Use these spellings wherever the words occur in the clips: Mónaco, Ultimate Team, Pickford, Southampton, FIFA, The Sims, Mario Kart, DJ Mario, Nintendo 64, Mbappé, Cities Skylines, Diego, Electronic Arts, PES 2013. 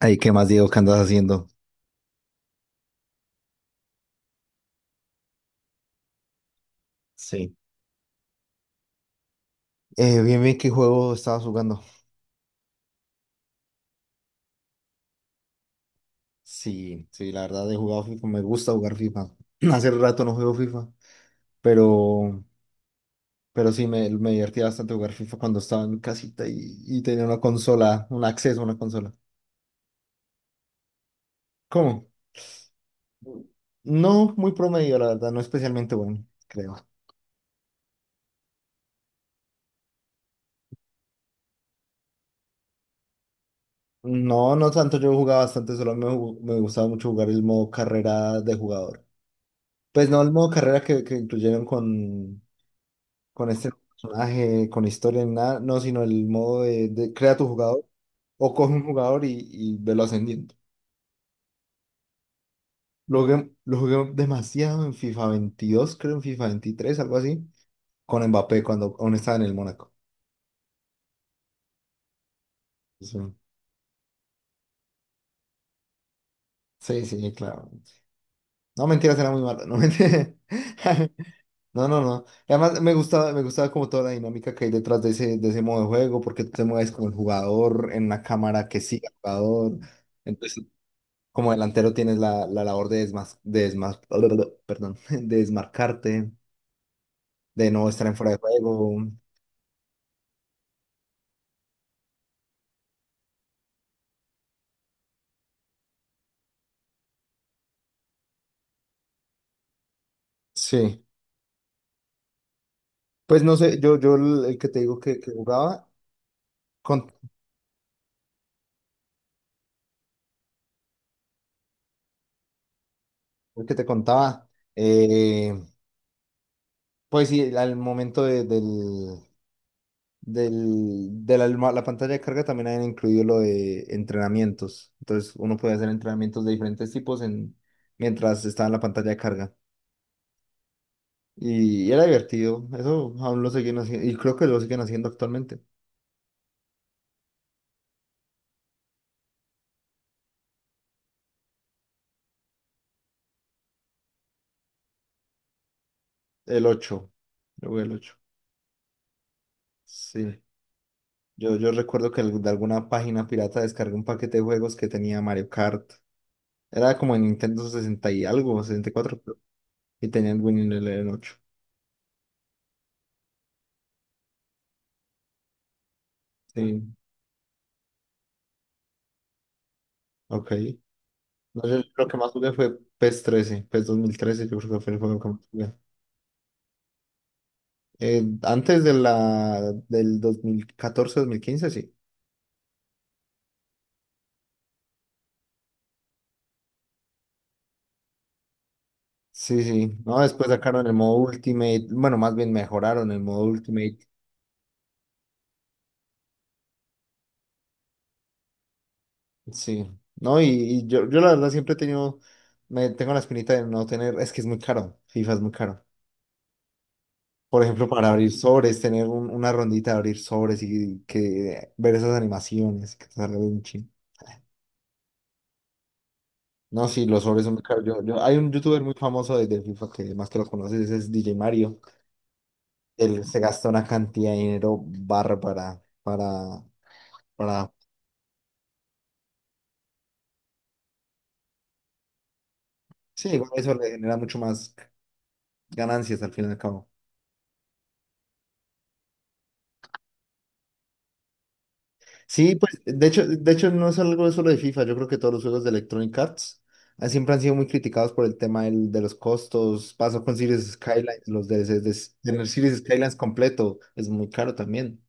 Ay, ¿qué más, Diego? ¿Qué andas haciendo? Sí. Bien, bien, ¿qué juego estabas jugando? Sí, sí, la verdad he jugado FIFA, me gusta jugar FIFA. Hace rato no juego FIFA, pero, pero sí, me divertía bastante jugar FIFA cuando estaba en casita y tenía una consola, un acceso a una consola. ¿Cómo? No, muy promedio, la verdad, no especialmente bueno, creo. No, no tanto, yo jugaba bastante, me gustaba mucho jugar el modo carrera de jugador. Pues no el modo carrera que incluyeron con este personaje, con historia, ni nada, no, sino el modo de crea tu jugador o coge un jugador y velo ascendiendo. Lo jugué demasiado en FIFA 22, creo en FIFA 23, algo así, con Mbappé cuando aún estaba en el Mónaco. Sí, sí, sí, claro. No, mentiras, era muy malo. No, mentira. No, no, no. Y además, me gustaba como toda la dinámica que hay detrás de ese modo de juego, porque tú te mueves con el jugador en una cámara que sigue al jugador. Entonces, como delantero tienes la, la labor de desmas- perdón, de desmarcarte, de no estar en fuera de juego. Sí. Pues no sé, yo el que te digo que jugaba, con, el que te contaba, eh, pues sí, al momento de, del, del, de la, alma- la pantalla de carga también habían incluido lo de entrenamientos. Entonces uno puede hacer entrenamientos de diferentes tipos en, mientras estaba en la pantalla de carga. Y era divertido. Eso aún lo siguen haciendo. Y creo que lo siguen haciendo actualmente. El 8. Yo jugué el 8. Sí. Yo recuerdo que de alguna página pirata descargué un paquete de juegos que tenía Mario Kart. Era como en Nintendo 60 y algo, 64, creo. Y tenía el Winning el 8. Sí. Ok. No, yo creo que más jugué fue PES 13. PES 2013, yo creo que fue el juego que más jugué. Antes del 2014-2015, sí. Sí, sí. No, después sacaron el modo Ultimate. Bueno, más bien mejoraron el modo Ultimate. Sí. No, y, yo la verdad siempre he tenido, me tengo la espinita de no tener, es que es muy caro. FIFA es muy caro. Por ejemplo, para abrir sobres, tener una rondita de abrir sobres y que ver esas animaciones que te salga de un chin. No, sí, los sobres son muy caros. Hay un youtuber muy famoso de FIFA que más que lo conoces, ese es DJ Mario. Él se gasta una cantidad de dinero bárbara para, sí, igual eso le genera mucho más. Ganancias al fin y al cabo. Sí, pues de hecho no es algo solo de FIFA, yo creo que todos los juegos de Electronic Arts siempre han sido muy criticados por el tema de los costos. Pasó con Series Skylines, los DLCs de, tener Series Skylines completo es muy caro también.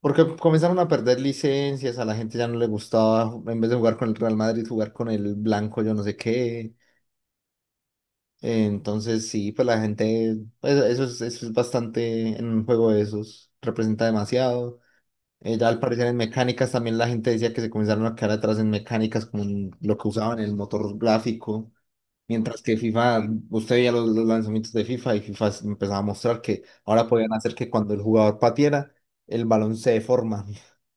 Porque comenzaron a perder licencias, a la gente ya no le gustaba, en vez de jugar con el Real Madrid, jugar con el blanco, yo no sé qué. Entonces sí, pues la gente, pues, eso es bastante en un juego de esos, representa demasiado. Ya al parecer en mecánicas también la gente decía que se comenzaron a quedar atrás en mecánicas como en lo que usaban el motor gráfico, mientras que FIFA, usted veía los lanzamientos de FIFA y empezaba a mostrar que ahora podían hacer que cuando el jugador patiera, el balón se deforma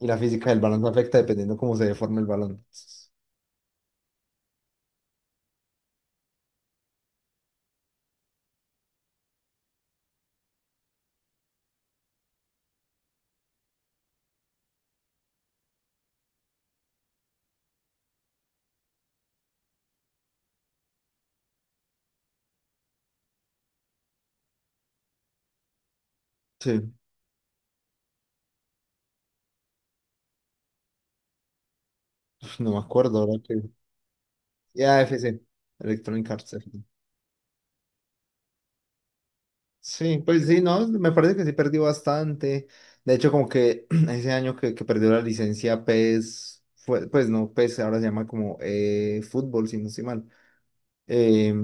y la física del balón no afecta dependiendo cómo se deforme el balón. Sí, no me acuerdo ahora que... Ya, f c Electronic Arts. Sí, pues sí, no, me parece que sí perdió bastante. De hecho, como que ese año que perdió la licencia PES, fue, pues no, PES ahora se llama como fútbol, si no estoy mal. Eh,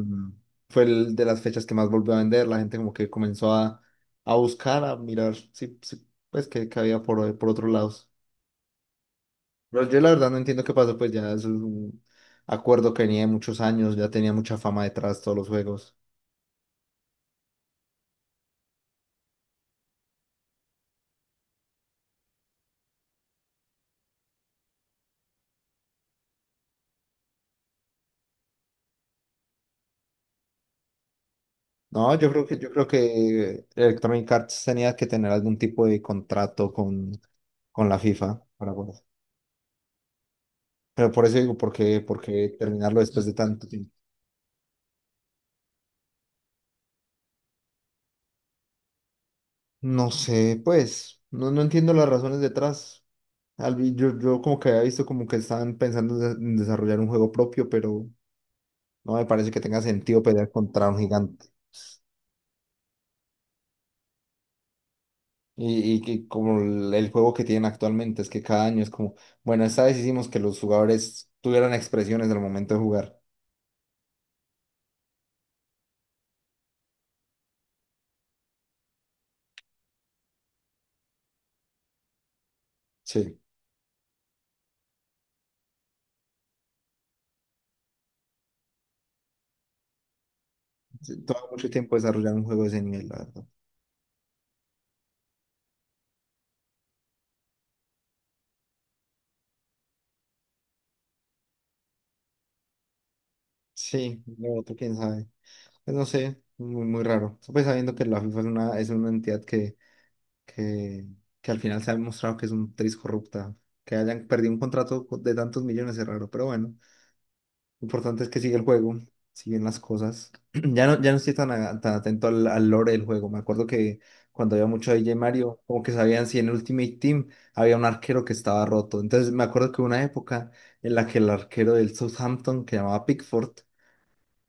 Fue el de las fechas que más volvió a vender. La gente como que comenzó a buscar, a mirar, sí, sí, que había por otros lados. Pero yo la verdad no entiendo qué pasó, pues ya es un acuerdo que venía de muchos años, ya tenía mucha fama detrás todos los juegos. No, yo creo que Electronic Arts tenía que tener algún tipo de contrato con la FIFA para poder- Pero por eso digo, ¿ por qué terminarlo después de tanto tiempo? No sé, pues, no, no entiendo las razones detrás. Al vi- yo como que había visto como que estaban pensando en en desarrollar un juego propio, pero no me parece que tenga sentido pelear contra un gigante. Y que como el juego que tienen actualmente, es que cada año es como, bueno, esta vez hicimos que los jugadores tuvieran expresiones al momento de jugar. Sí, sí, toma mucho tiempo desarrollar un juego de ese nivel, la verdad. Sí, lo otro quién sabe. Pues no sé, muy, muy raro. Pues sabiendo que la FIFA es una entidad que, que al final se ha demostrado que es un tris corrupta. Que hayan perdido un contrato de tantos millones es raro, pero bueno. Lo importante es que sigue el juego, siguen las cosas. Ya no, ya no estoy tan, tan atento al lore del juego. Me acuerdo que cuando había mucho DJ Mario, como que sabían si en Ultimate Team había un arquero que estaba roto. Entonces me acuerdo que hubo una época en la que el arquero del Southampton, que llamaba Pickford,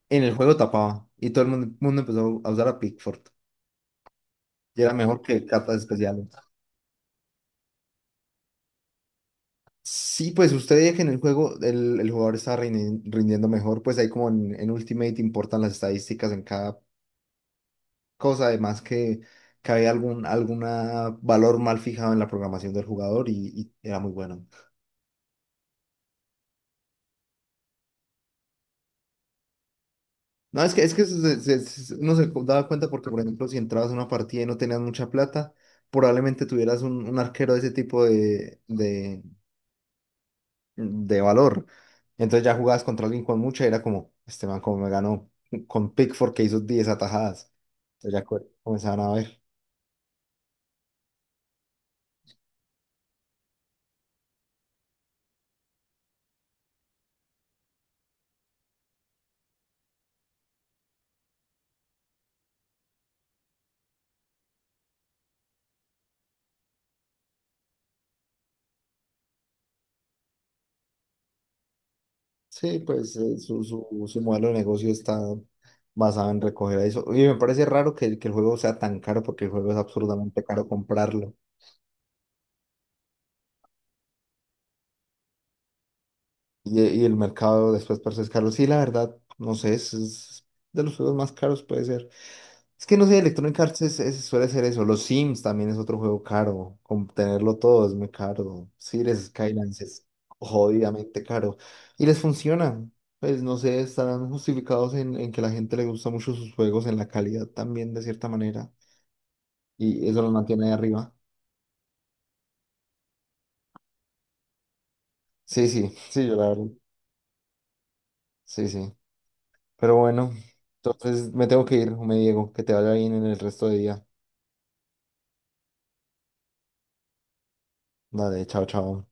en el juego tapaba. Y todo mundo empezó a usar a Pickford. Y era mejor que cartas especiales. Sí, pues usted veía que en el juego el jugador está rindiendo mejor, pues ahí como en Ultimate importan las estadísticas en cada cosa, además que había algún alguna valor mal fijado en la programación del jugador y era muy bueno. No, es que uno se daba cuenta porque, por ejemplo, si entrabas a una partida y no tenías mucha plata, probablemente tuvieras un arquero de ese tipo de valor. Entonces ya jugabas contra alguien con mucha y era como, este man como me ganó con Pickford que hizo 10 atajadas. Entonces ya comenzaban a ver. Sí, pues su modelo de negocio está basado en recoger eso. Y me parece raro que el juego sea tan caro porque el juego es absurdamente caro comprarlo. Y el mercado después parece es caro. Sí, la verdad, no sé, es de los juegos más caros puede ser. Es que no sé, Electronic Arts suele ser eso. Los Sims también es otro juego caro, con tenerlo todo es muy caro. Cities Skylines es jodidamente caro. Y les funciona. Pues no sé, estarán justificados en que la gente le gusta mucho sus juegos, en la calidad también de cierta manera. Y eso lo mantiene ahí arriba. Sí, sí, sí, yo la verdad. Sí, sí. Pero bueno, entonces me tengo que ir, me Diego. Que te vaya bien en el resto de día. Dale, chao, chao.